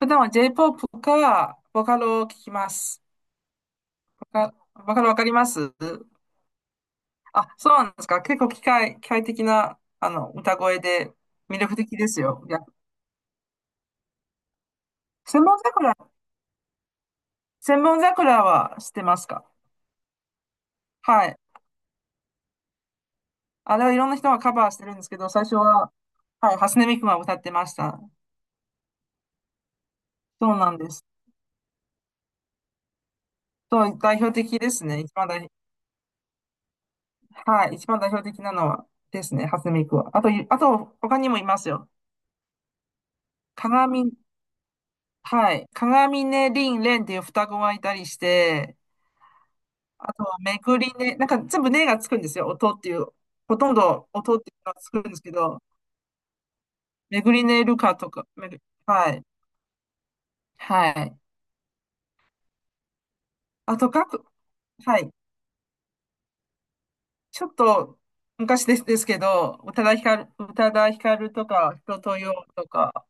普段は J-POP か、ボカロを聞きます。ボカ、ボカロわかります？あ、そうなんですか。結構機械的な、歌声で魅力的ですよ。いや、千本桜、千本桜は知ってます？かはい。あれはいろんな人がカバーしてるんですけど、最初は、はい、初音ミクが歌ってました。そうなんです。そう、代表的ですね。一番代、はい、一番代表的なのはですね、初音ミクは。あと、他にもいますよ。鏡、はい。鏡ね、リン、レンっていう双子がいたりして、あとはめぐりね、なんか全部ねがつくんですよ。音っていう、ほとんど音っていうのがつくんですけど、めぐりねるかとか、はい。はい。あと、かく、はい。ちょっと昔です、ですけど、宇多田ヒカルとか、人とよとか、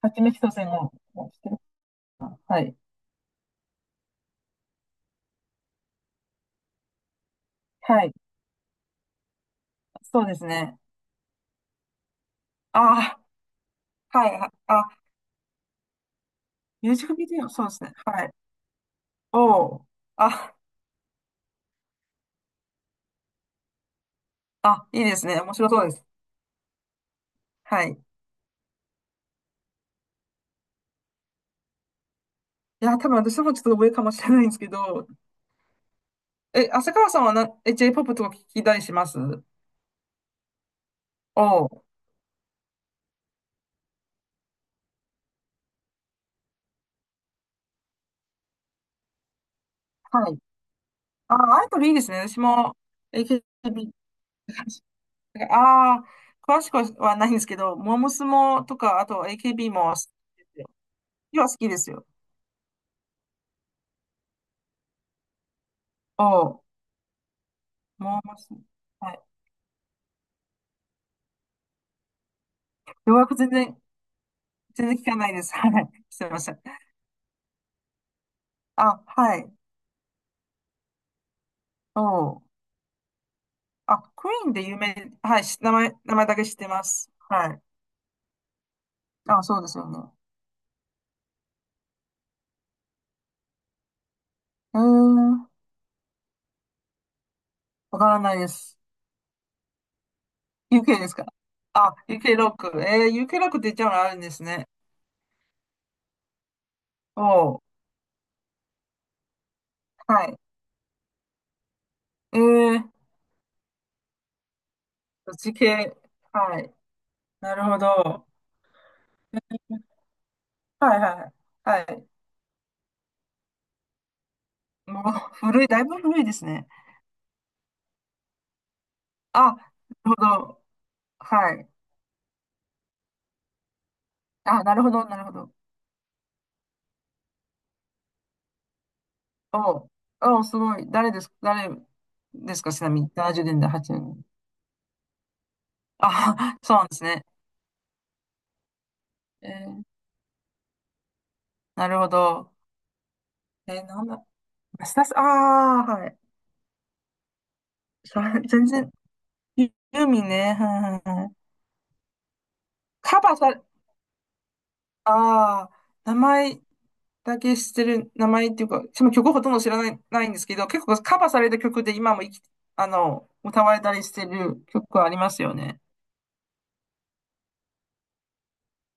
八めきとせんの知ってるかな？はい。はい。そうですね。ああ、はい。あ、ミュージックビデオ、そうですね。はい。おお。ああ、いいですね。面白そうです。はい。いや、多分私もちょっと上かもしれないんですけど、浅川さんはJ-POP とか聞きたりします？おう。はい。あ、アイドルいいですね。私も AKB、ああー、詳しくはないんですけど、モームスもとか、あと AKB も好きですよ。今は好きですよ。おう。モームス。はい。ようやく全然、全然聞かないです。はい。すみません。あ、はい。おう。あ、クイーンで有名、し名前、名前だけ知ってます。はい。あ、そうですよね。うーん、わからないです。UK ですか？あ、UK ロック。えー、UK ロックって言っちゃうのあるんですね。おー、はい。えー、そっち系。はい。なるほど。はいはい。はい。もう、古い、だいぶ古いですね。あ、なるほど。はい。あ、なるほど、なるほど。おー、おう、すごい。誰ですか？誰ですか？ちなみに、70年代、80年。あ、そうなんですね。えー、なるほど。えー、なんだ、スタス、ああ、はい。さ 全然、ユユーミンね。はいはいはい。カバーされ、ああ、名前だけ知ってる、名前っていうか、その曲ほとんど知らない、ないんですけど、結構カバーされた曲で今も生き、あの、歌われたりしてる曲ありますよね。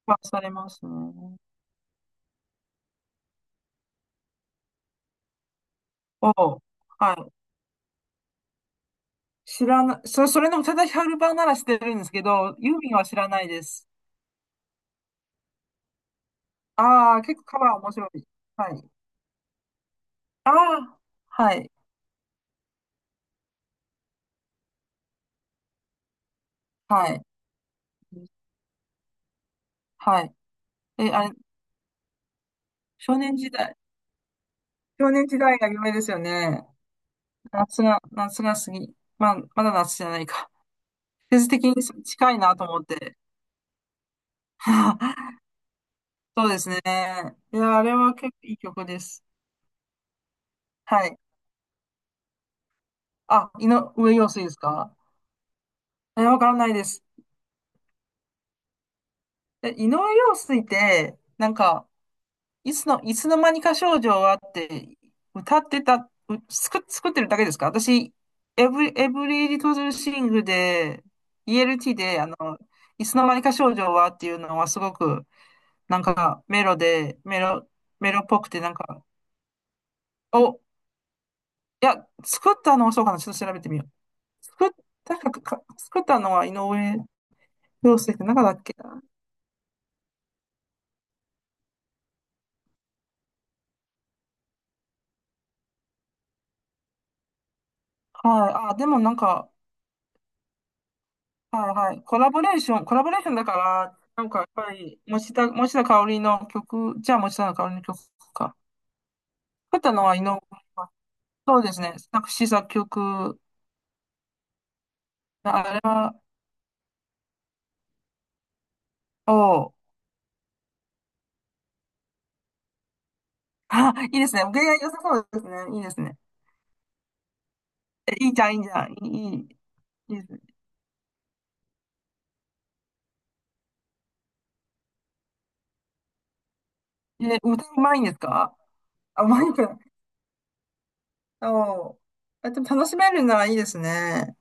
カバーされますね。おう、はい。知らない、それ、それの宇多田ヒカル版なら知ってるんですけど、ユーミンは知らないです。ああ、結構カバー面白い。はい。ああ、はい、はい、はい。え、あれ、少年時代。少年時代が夢ですよね。夏が過ぎ、まあ、まだ夏じゃないか。季節的に近いなと思って。そうですね。いや、あれは結構いい曲です。はい。あ、井上陽水ですか？え、わからないです。え、井上陽水って、なんか、いつの間にか少女はって、歌ってた、作ってるだけですか私、エブリ、エブリリトルシングで、ELT で、あの、いつの間にか少女はっていうのはすごくなんか、メロで、メロ、メロっぽくて、なんか、お、いや、作ったのはそうかな、ちょっと調べてみよう。作っ、確か作ったのは井上陽水って中だっけな。はい。あ、でもなんか、はいはい。コラボレーションだから、なんかやっぱり、持田香織の曲、じゃあ持田香織の曲か。作ったのは井上。そうですね。作詞作曲、あれは、を、あ、いいですね。恋愛良さそうですね。いいですね。え、いいじゃん、いいじゃん。いい、いい、いいですね。え、歌うまいんですか？あ、うまいから。そう。あ、でも楽しめるならいいですね。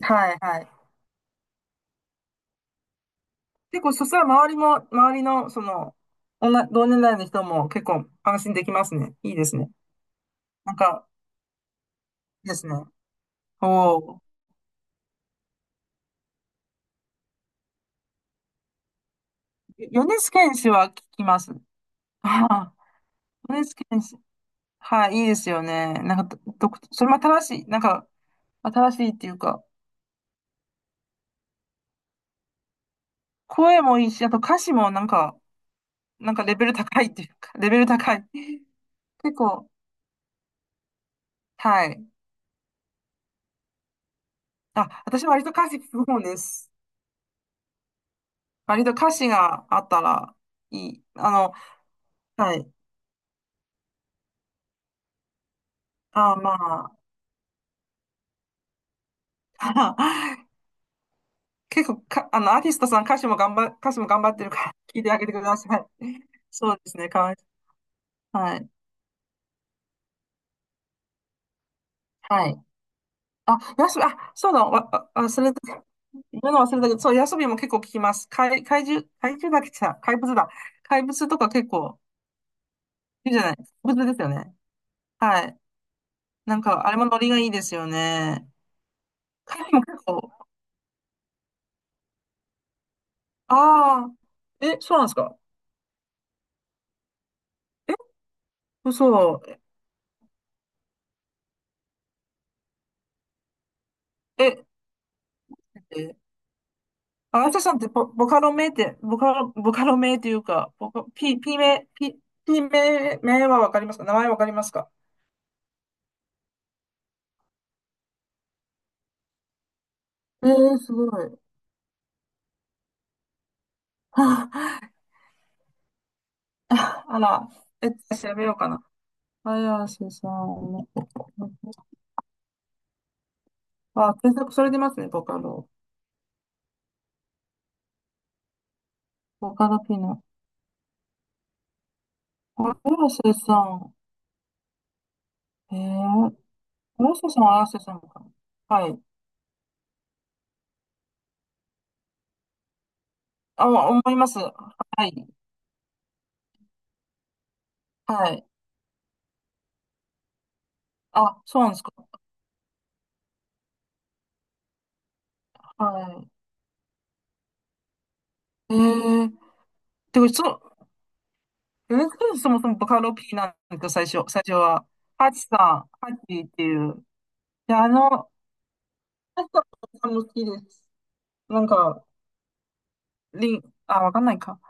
はい、はい。結構、そしたら周りも、周りの、その、女同年代の人も結構安心できますね。いいですね。なんか、いいですね。おお。よ、米津玄師は聞きます。ああ、米津玄師。はい、いいですよね。なんか、ど、ど、それも新しい、なんか、新しいっていうか、声もいいし、あと歌詞もなんか、なんかレベル高いっていうか、レベル高い。結構、はい。あ、私割と歌詞聞く方です。割と歌詞があったらいい。あの、はい。あ、まあ。結構か、あの、アーティストさん歌詞も頑張ってるから聞いてあげてください。そうですね、かわいそう。はい。はい。あ、ヤスビ、あ、そうだ、わ、わ忘れて、言うの忘れたけど、そう、ヤスビも結構聞きます。怪獣だっけ？さ、怪物だ。怪物とか結構、いいじゃない。怪物ですよね。はい。なんか、あれもノリがいいですよね。でも結構、ああ、え、そうなんですか。え、嘘。え、え、あやささんってボ、ボカロ名って、ボカロ、ボカロ名というか、ボカ、P、P 名、P、P 名、名はわかりますか？名前わかりますか？えー、すごい。ああら、えっと、調べようかな。綾瀬さん。あ、検索されてますね、ボカロ。ボカロピノ。あ、綾瀬さん。えー、綾瀬さんは綾瀬さんか。はい。あ、思います。はい。はい。あ、そうなんですか。はい。えー、でも、そう、えー、そもそもボカロ P なんですよ、最初は。ハチさん、ハチっていう。で、あの、ハチさんも好きです。なんか、リン、あ、わかんないか。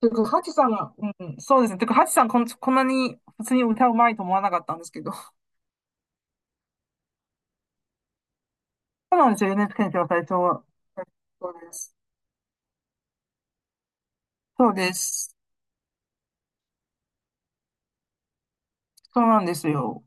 てか、ハチさんが、うん、そうですね。てか、ハチさんこん、こんなに普通に歌うまいと思わなかったんですけど。そうなんですよ。NHK の最初は。そうです。そうです。そうなんですよ。